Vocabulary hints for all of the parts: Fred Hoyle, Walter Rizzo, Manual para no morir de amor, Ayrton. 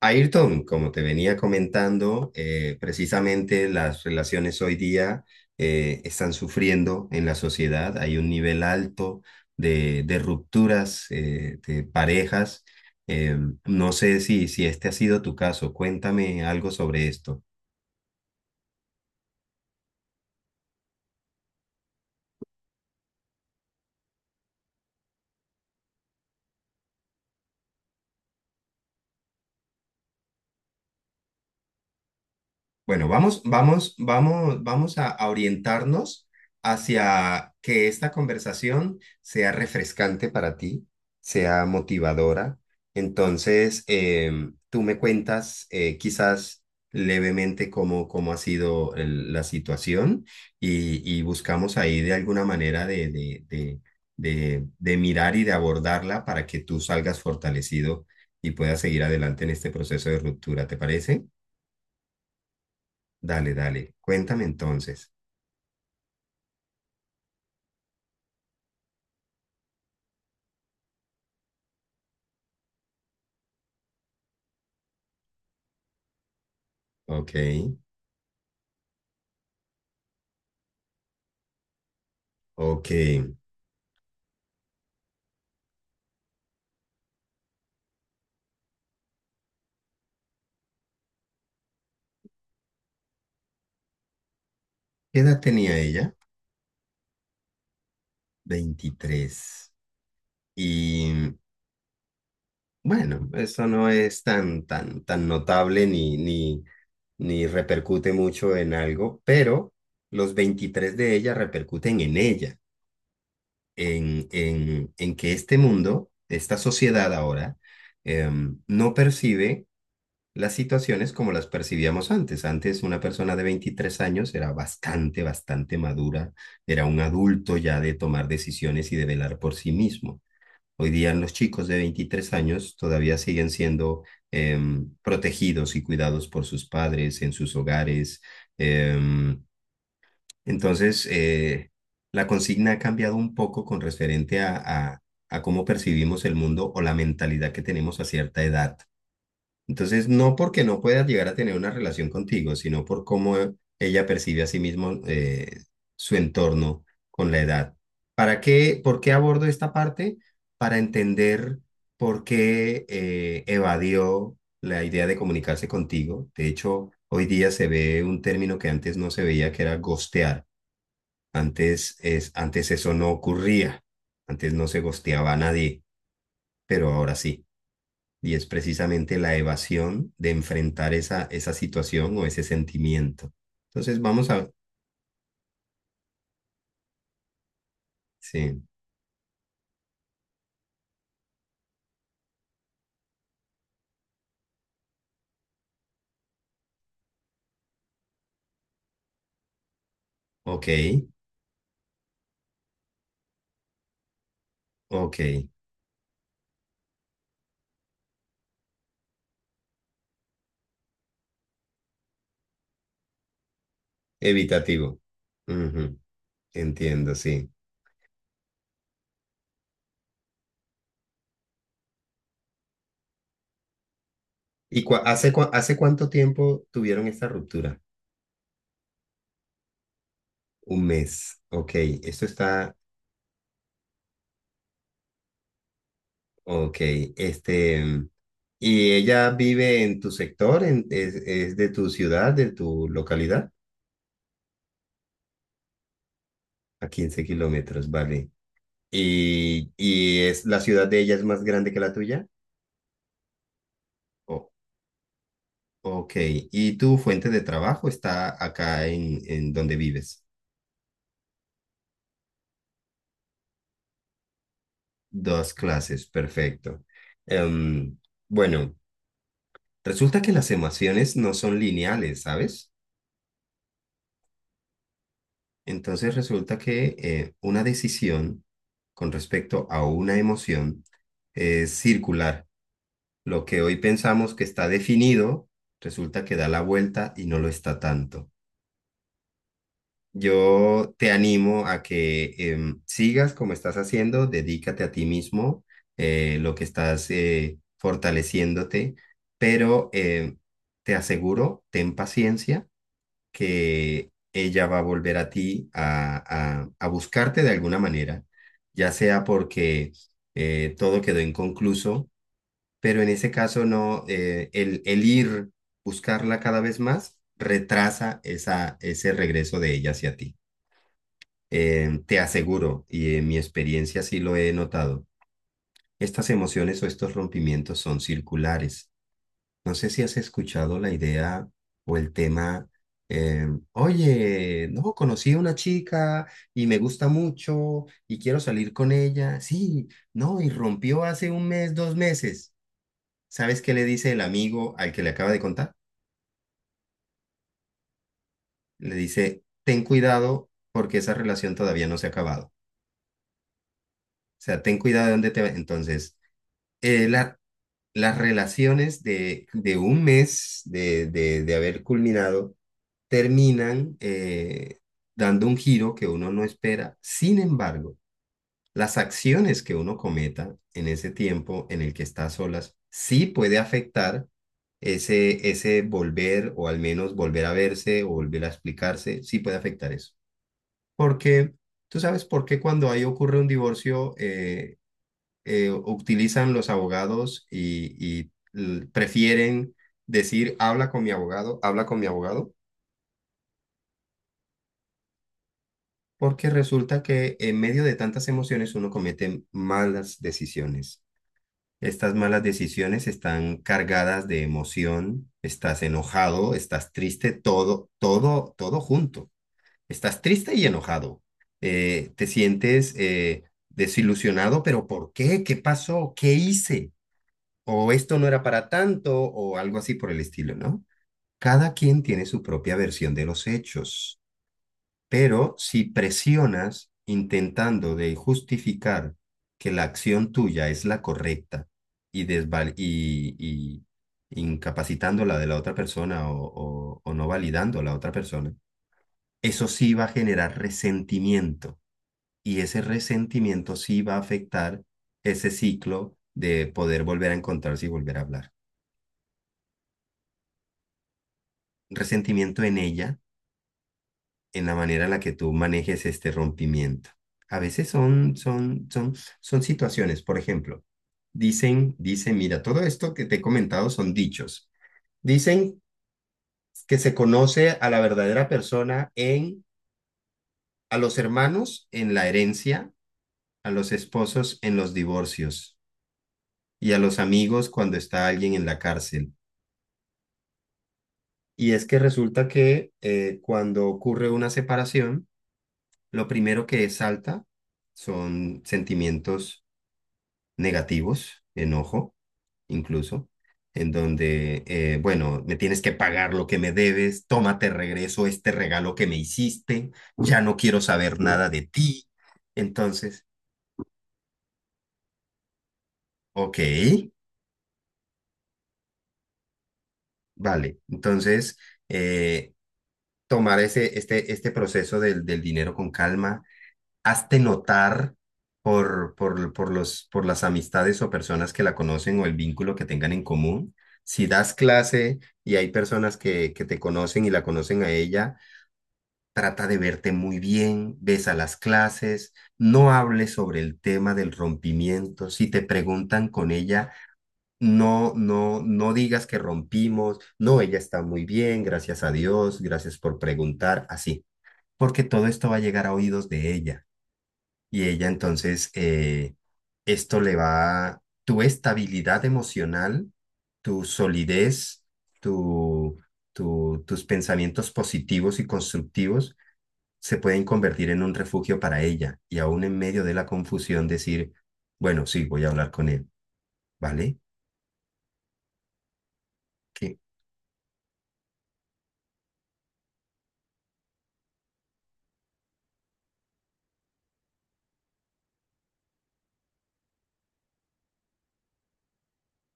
Ayrton, como te venía comentando, precisamente las relaciones hoy día están sufriendo en la sociedad. Hay un nivel alto de rupturas de parejas. Eh, no sé si este ha sido tu caso. Cuéntame algo sobre esto. Bueno, vamos a orientarnos hacia que esta conversación sea refrescante para ti, sea motivadora. Entonces, tú me cuentas quizás levemente cómo ha sido la situación y buscamos ahí de alguna manera de mirar y de abordarla para que tú salgas fortalecido y puedas seguir adelante en este proceso de ruptura, ¿te parece? Dale, dale. Cuéntame entonces. Ok, ok. ¿Qué edad tenía ella? 23. Y bueno, eso no es tan tan, notable ni ni repercute mucho en algo, pero los 23 de ella repercuten en ella, en que este mundo, esta sociedad ahora, no percibe las situaciones como las percibíamos antes. Antes una persona de 23 años era bastante madura, era un adulto ya de tomar decisiones y de velar por sí mismo. Hoy día los chicos de 23 años todavía siguen siendo protegidos y cuidados por sus padres en sus hogares. Em, entonces, la consigna ha cambiado un poco con referente a a cómo percibimos el mundo o la mentalidad que tenemos a cierta edad. Entonces, no porque no pueda llegar a tener una relación contigo, sino por cómo ella percibe a sí mismo su entorno con la edad. ¿Para qué? ¿Por qué abordo esta parte? Para entender por qué evadió la idea de comunicarse contigo. De hecho, hoy día se ve un término que antes no se veía, que era ghostear. Antes eso no ocurría. Antes no se ghosteaba a nadie, pero ahora sí y es precisamente la evasión de enfrentar esa situación o ese sentimiento. Entonces vamos a... Sí, ok, ok, evitativo. Ujú, entiendo, sí. ¿Y hace cuánto tiempo tuvieron esta ruptura? Un mes, ok, esto está, ok, este... ¿Y ella vive en tu sector? ¿En, es de tu ciudad, de tu localidad? A 15 kilómetros, vale. Y es la ciudad de ella es más grande que la tuya. Oh, ok. ¿Y tu fuente de trabajo está acá en donde vives? Dos clases, perfecto. Em, bueno, resulta que las emociones no son lineales, ¿sabes? Entonces resulta que una decisión con respecto a una emoción es circular. Lo que hoy pensamos que está definido, resulta que da la vuelta y no lo está tanto. Yo te animo a que sigas como estás haciendo, dedícate a ti mismo, lo que estás fortaleciéndote, pero te aseguro, ten paciencia, que ella va a volver a ti a buscarte de alguna manera, ya sea porque todo quedó inconcluso, pero en ese caso no, el ir buscarla cada vez más retrasa esa, ese regreso de ella hacia ti. Te aseguro, y en mi experiencia sí lo he notado, estas emociones o estos rompimientos son circulares. No sé si has escuchado la idea o el tema, eh, oye, no, conocí a una chica y me gusta mucho y quiero salir con ella. Sí, no, y rompió hace un mes, dos meses. ¿Sabes qué le dice el amigo al que le acaba de contar? Le dice, ten cuidado porque esa relación todavía no se ha acabado. O sea, ten cuidado de dónde te va. Entonces, la las relaciones de un mes de haber culminado terminan dando un giro que uno no espera. Sin embargo, las acciones que uno cometa en ese tiempo en el que está a solas sí puede afectar ese volver o al menos volver a verse o volver a explicarse, sí puede afectar eso. Porque tú sabes por qué cuando ahí ocurre un divorcio, utilizan los abogados y prefieren decir, habla con mi abogado, habla con mi abogado, porque resulta que en medio de tantas emociones uno comete malas decisiones. Estas malas decisiones están cargadas de emoción, estás enojado, estás triste, todo, todo, todo junto. Estás triste y enojado. Te sientes desilusionado, pero ¿por qué? ¿Qué pasó? ¿Qué hice? O esto no era para tanto, o algo así por el estilo, ¿no? Cada quien tiene su propia versión de los hechos, pero si presionas intentando de justificar que la acción tuya es la correcta y incapacitando la de la otra persona o o no validando a la otra persona, eso sí va a generar resentimiento y ese resentimiento sí va a afectar ese ciclo de poder volver a encontrarse y volver a hablar. Resentimiento en ella, en la manera en la que tú manejes este rompimiento. A veces son situaciones, por ejemplo, dicen, dicen, mira, todo esto que te he comentado son dichos. Dicen que se conoce a la verdadera persona a los hermanos en la herencia, a los esposos en los divorcios y a los amigos cuando está alguien en la cárcel. Y es que resulta que cuando ocurre una separación, lo primero que salta son sentimientos negativos, enojo, incluso, en donde, bueno, me tienes que pagar lo que me debes, tómate regreso este regalo que me hiciste, ya no quiero saber nada de ti. Entonces, ok, vale. Entonces, eh, tomar ese, este proceso del dinero con calma, hazte notar por las amistades o personas que la conocen o el vínculo que tengan en común. Si das clase y hay personas que te conocen y la conocen a ella, trata de verte muy bien, ves a las clases, no hables sobre el tema del rompimiento. Si te preguntan con ella, no digas que rompimos, no, ella está muy bien, gracias a Dios, gracias por preguntar, así, porque todo esto va a llegar a oídos de ella. Y ella entonces, esto le va, tu estabilidad emocional, tu solidez, tu, tus pensamientos positivos y constructivos se pueden convertir en un refugio para ella. Y aún en medio de la confusión decir, bueno, sí, voy a hablar con él, ¿vale? ¿Qué?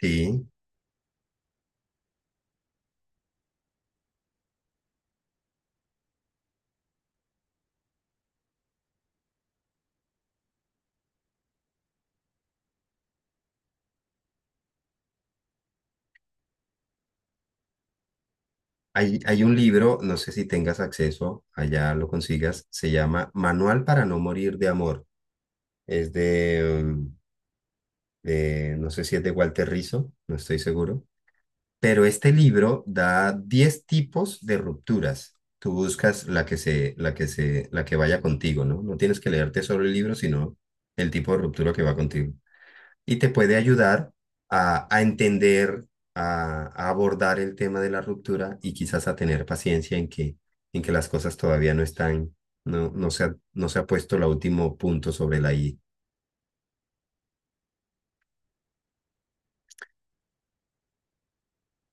Sí. Hay un libro, no sé si tengas acceso, allá lo consigas, se llama Manual para no morir de amor. Es de... no sé si es de Walter Rizzo, no estoy seguro, pero este libro da 10 tipos de rupturas. Tú buscas la que vaya contigo, ¿no? No tienes que leerte solo el libro, sino el tipo de ruptura que va contigo. Y te puede ayudar a entender, a abordar el tema de la ruptura y quizás a tener paciencia en que las cosas todavía no están, no se ha puesto el último punto sobre la I.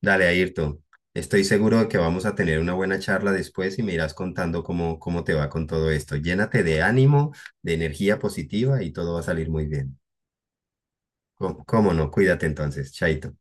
Dale, Ayrton. Estoy seguro de que vamos a tener una buena charla después y me irás contando cómo, cómo te va con todo esto. Llénate de ánimo, de energía positiva y todo va a salir muy bien. ¿Cómo no? Cuídate entonces, Chaito.